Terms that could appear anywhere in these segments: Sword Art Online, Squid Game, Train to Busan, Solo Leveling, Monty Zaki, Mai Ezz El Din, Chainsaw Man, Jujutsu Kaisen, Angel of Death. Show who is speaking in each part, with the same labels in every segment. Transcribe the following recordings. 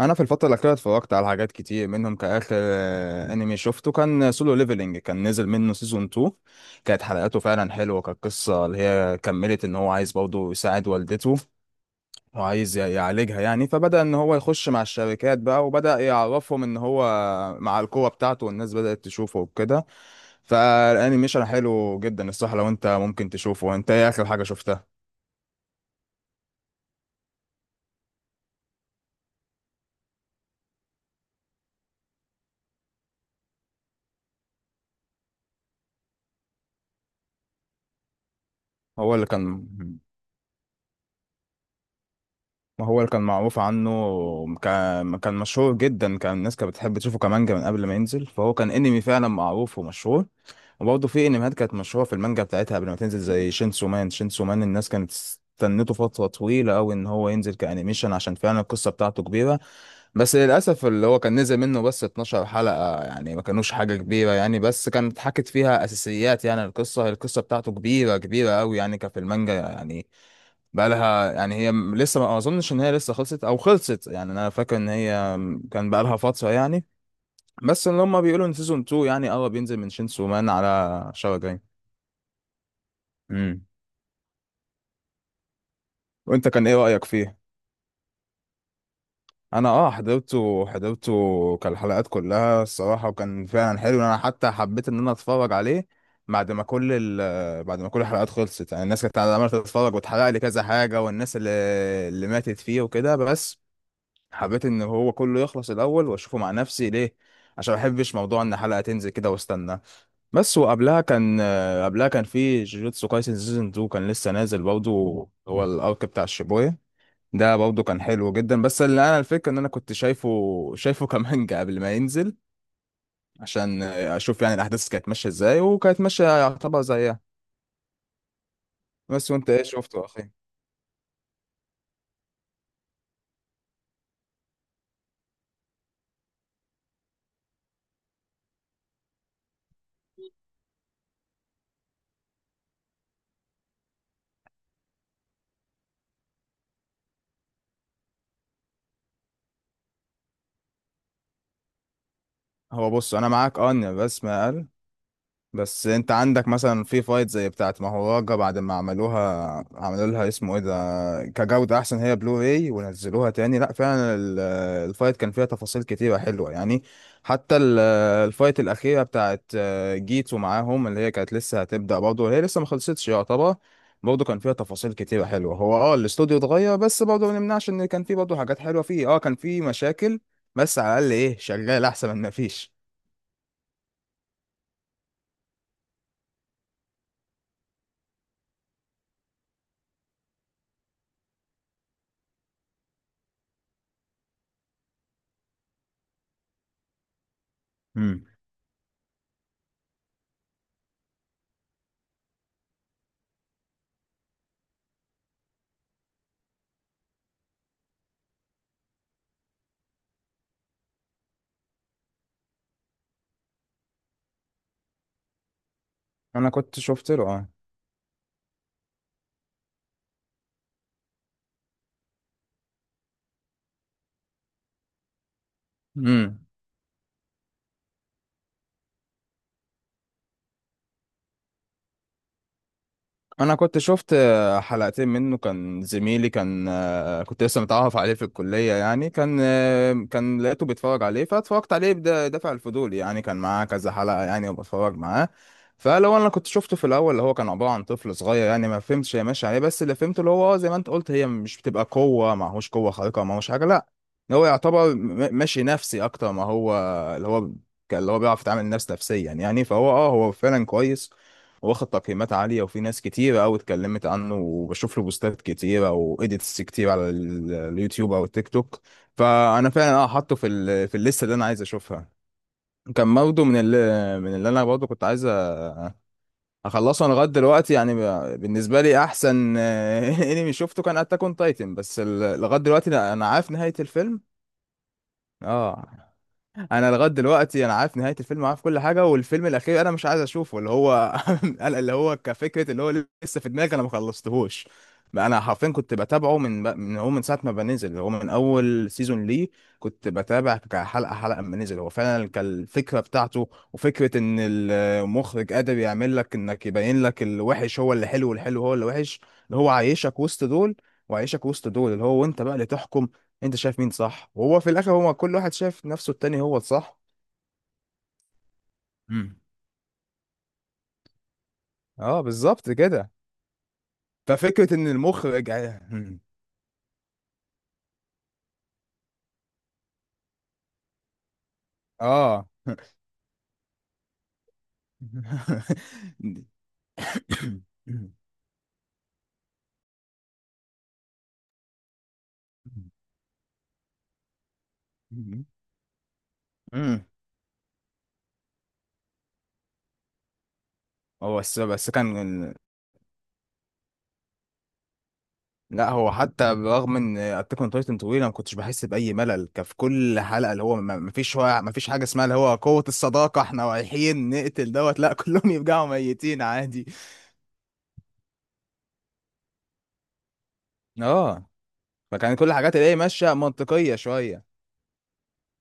Speaker 1: انا في الفتره الاخيره اتفرجت على حاجات كتير منهم كاخر، انمي شفته كان سولو ليفلنج. كان نزل منه سيزون 2. كانت حلقاته فعلا حلوه. كانت قصه اللي هي كملت ان هو عايز برضه يساعد والدته، وعايز يعالجها يعني. فبدا ان هو يخش مع الشركات بقى، وبدا يعرفهم ان هو مع القوه بتاعته، والناس بدات تشوفه وكده. فالانيميشن حلو جدا الصراحه، لو انت ممكن تشوفه. انت ايه اخر حاجه شفتها؟ هو اللي كان، ما هو اللي كان معروف عنه. كان مشهور جدا، كان الناس كانت بتحب تشوفه كمانجا من قبل ما ينزل، فهو كان انمي فعلا معروف ومشهور. وبرضه في انميات كانت مشهوره في المانجا بتاعتها قبل ما تنزل، زي شينسو مان. شينسو مان الناس كانت استنته فتره طويله قوي ان هو ينزل كانيميشن، عشان فعلا القصه بتاعته كبيره. بس للاسف اللي هو كان نزل منه بس 12 حلقه يعني، ما كانوش حاجه كبيره يعني، بس كانت اتحكت فيها اساسيات يعني. القصه بتاعته كبيره كبيره قوي يعني، كان في المانجا يعني. بقى لها يعني، هي لسه، ما اظنش ان هي لسه خلصت او خلصت يعني. انا فاكر ان هي كان بقى لها فتره يعني. بس اللي هم بيقولوا ان سيزون 2 يعني اه بينزل من شينسو مان على شهر جاي. امم. وانت كان ايه رايك فيه؟ انا حضرته كان الحلقات كلها الصراحه، وكان فعلا حلو. انا حتى حبيت ان انا اتفرج عليه بعد ما كل بعد ما كل الحلقات خلصت يعني، الناس كانت عماله تتفرج وتحرق لي كذا حاجه، والناس اللي ماتت فيه وكده، بس حبيت ان هو كله يخلص الاول واشوفه مع نفسي ليه، عشان ما بحبش موضوع ان حلقه تنزل كده واستنى. بس، وقبلها كان آه، قبلها كان في جوجوتسو كايسن سيزون 2، كان لسه نازل برضه. هو الارك بتاع الشيبويه ده، برضه كان حلو جدا. بس اللي انا الفكره ان انا كنت شايفه كمانجا قبل ما ينزل، عشان اشوف يعني الاحداث كانت ماشيه ازاي، وكانت ماشيه يعتبر زيها. بس، وانت ايه شفته يا اخي؟ هو بص، انا معاك اه ان الرسم اقل. بس انت عندك مثلا في فايت زي بتاعت مهوراجا، بعد ما عملوها عملوا لها اسمه ايه ده كجودة احسن، هي بلو راي ونزلوها تاني. لا فعلا الفايت كان فيها تفاصيل كتيرة حلوة يعني. حتى الفايت الأخيرة بتاعت جيتو معاهم، اللي هي كانت لسه هتبدأ برضه، هي لسه ما خلصتش يعتبر. برضه كان فيها تفاصيل كتيرة حلوة. هو الاستوديو اتغير، بس برضه ما نمنعش ان كان فيه برضه حاجات حلوة فيه، كان فيه مشاكل. بس على الأقل ايه، شغال أحسن من ما فيش. امم. انا كنت شفت له اه. امم. انا كنت شفت حلقتين منه، كان زميلي كان، كنت لسه متعرف عليه في الكليه يعني، كان كان لقيته بيتفرج عليه فاتفرجت عليه بدافع الفضول يعني، كان معاه كذا حلقه يعني وبتفرج معاه. فلو انا كنت شفته في الاول، اللي هو كان عباره عن طفل صغير يعني، ما فهمتش هي ماشيه عليه. بس اللي فهمته اللي هو زي ما انت قلت، هي مش بتبقى قوه، معهوش قوه خارقه، معهوش حاجه، لا. إن هو يعتبر ماشي نفسي اكتر، ما هو اللي هو اللي هو بيعرف يتعامل نفسيا يعني. فهو اه هو فعلا كويس، واخد تقييمات عالية، وفي ناس كتيرة أوي اتكلمت عنه، وبشوف له بوستات كتيرة وإيديتس كتير على اليوتيوب أو التيك توك. فأنا فعلا حاطه في الليستة اللي أنا عايز أشوفها. كان برضه من اللي أنا برضه كنت عايز أخلصه. أنا لغاية دلوقتي يعني بالنسبة لي أحسن أنمي شفته كان أتاك أون تايتن. بس لغاية دلوقتي أنا عارف نهاية الفيلم. أه. انا لغايه دلوقتي انا عارف نهايه الفيلم، عارف كل حاجه، والفيلم الاخير انا مش عايز اشوفه، اللي هو اللي هو كفكره اللي هو لسه في دماغي، انا ما خلصتهوش. انا حرفيا كنت بتابعه من هو من ساعه ما بنزل، اللي هو من اول سيزون ليه. كنت بتابع كحلقه حلقه ما نزل. هو فعلا كان الفكره بتاعته، وفكره ان المخرج قادر يعمل لك انك، يبين لك الوحش هو اللي حلو والحلو هو اللي وحش، اللي هو عايشك وسط دول، وعايشك وسط دول اللي هو، وانت بقى اللي تحكم. انت شايف مين صح، وهو في الاخر هو كل واحد شايف نفسه التاني هو الصح. امم. اه بالظبط كده. ففكرة ان المخرج اه. امم. هو بس كان، لا، هو حتى برغم ان اتاك اون تايتن طويل انا ما كنتش بحس باي ملل، كان في كل حلقه اللي هو ما فيش، هو ما فيش حاجه اسمها اللي هو قوه الصداقه. احنا رايحين نقتل دوت، لا كلهم يرجعوا ميتين عادي. اه. فكان كل الحاجات اللي هي ماشيه منطقيه شويه.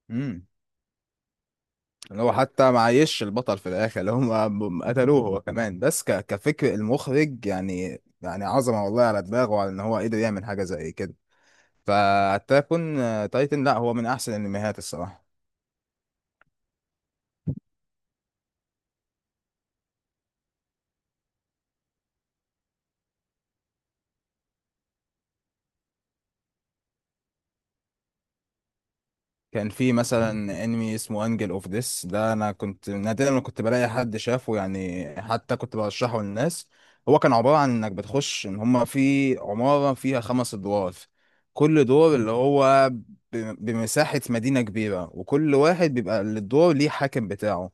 Speaker 1: امم. اللي هو حتى ما عايش البطل في الاخر اللي هم قتلوه هو كمان، بس كفكر المخرج يعني عظمه والله على دماغه، وعلى ان هو قدر يعمل حاجه زي كده. فاتاكون تايتن، لا، هو من احسن الانميات الصراحه. كان في مثلا انمي اسمه انجل اوف ديس، ده انا كنت نادرا ما كنت بلاقي حد شافه يعني، حتى كنت برشحه للناس. هو كان عبارة عن انك بتخش ان هما في عمارة فيها خمس ادوار، كل دور اللي هو بمساحة مدينة كبيرة، وكل واحد بيبقى الدور ليه حاكم بتاعه.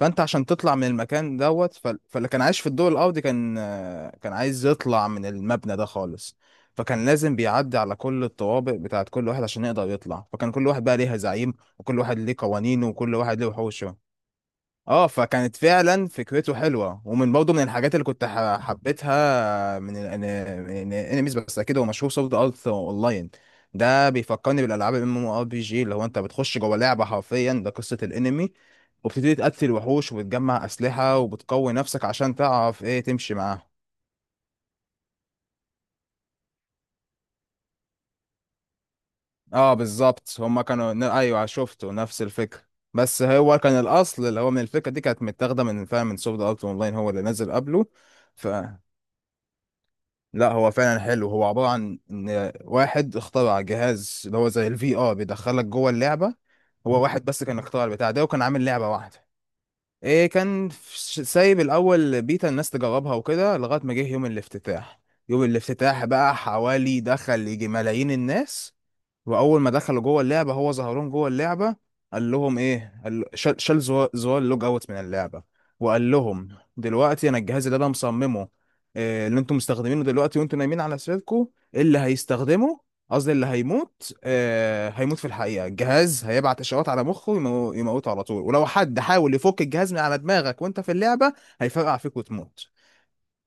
Speaker 1: فانت عشان تطلع من المكان دوت، فاللي كان عايش في الدور الارضي كان عايز يطلع من المبنى ده خالص. فكان لازم بيعدي على كل الطوابق بتاعت كل واحد عشان يقدر يطلع، فكان كل واحد بقى ليها زعيم، وكل واحد ليه قوانينه، وكل واحد ليه وحوشه. اه. فكانت فعلا فكرته حلوه، ومن برضه من الحاجات اللي كنت حبيتها من الانميز. بس اكيد هو مشهور، سورد ارت اونلاين. ده بيفكرني بالالعاب الMMORPG، اللي هو انت بتخش جوه لعبه حرفيا، ده قصه الانمي، وبتبتدي تقتل وحوش، وبتجمع اسلحه، وبتقوي نفسك عشان تعرف ايه تمشي معاهم. اه بالظبط، هما كانوا ايوه، شفته نفس الفكره. بس هو كان الاصل اللي هو، من الفكره دي كانت متاخده من، فعلا، من سوفت ارت اونلاين، هو اللي نزل قبله. ف، لا، هو فعلا حلو. هو عباره عن ان واحد اخترع جهاز اللي هو زي الفي ار، بيدخلك جوه اللعبه. هو واحد بس كان اخترع البتاع ده، وكان عامل لعبه واحده. ايه، كان سايب الاول بيتا الناس تجربها وكده لغايه ما جه يوم الافتتاح. يوم الافتتاح بقى، حوالي، دخل يجي ملايين الناس. واول ما دخلوا جوه اللعبه، هو ظهر لهم جوه اللعبه. قال لهم ايه، قال شال زوار اللوج اوت من اللعبه. وقال لهم، دلوقتي انا الجهاز اللي انا مصممه، إيه اللي انتم مستخدمينه دلوقتي وانتم نايمين على سريركم، اللي هيستخدمه، قصدي اللي هيموت في الحقيقه، الجهاز هيبعت اشارات على مخه، يموته على طول. ولو حد حاول يفك الجهاز من على دماغك وانت في اللعبه، هيفرقع فيك وتموت.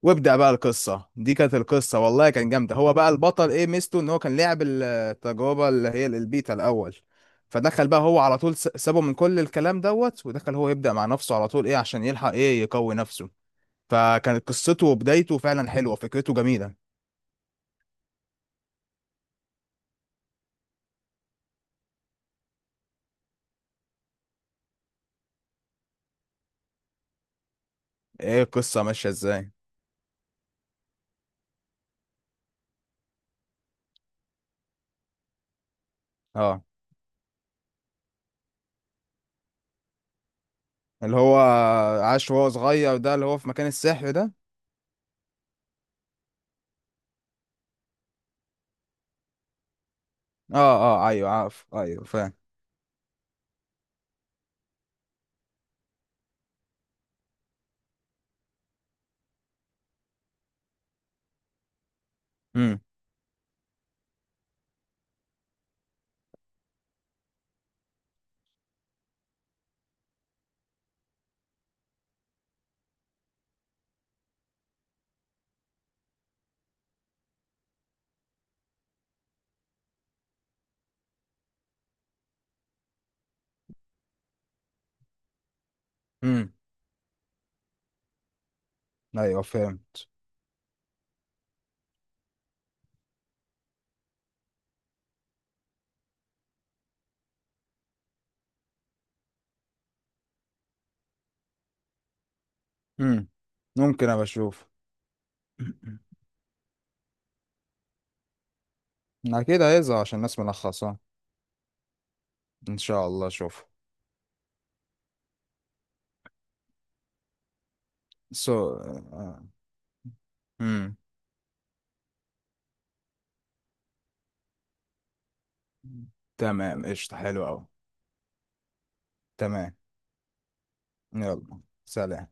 Speaker 1: وابدأ بقى القصة. دي كانت القصة والله، كان جامدة. هو بقى البطل ايه ميزته، ان هو كان لعب التجربة اللي هي البيتا الأول. فدخل بقى هو على طول، سابه من كل الكلام دوت، ودخل هو يبدأ مع نفسه على طول، ايه عشان يلحق، ايه يقوي نفسه. فكانت قصته وبدايته فعلا حلوة، فكرته جميلة. ايه القصة ماشية ازاي؟ اه. اللي هو عاش وهو صغير ده، اللي هو في مكان السحر ده. اه. اه. ايوه عارف. ايوه فاهم. امم. امم. ايوه فهمت. امم. ممكن ابقى اشوف. أكيد هيظهر عشان الناس ملخصة. إن شاء الله أشوف. سو. امم. تمام. قشطة. حلو أوي. تمام. يلا سلام.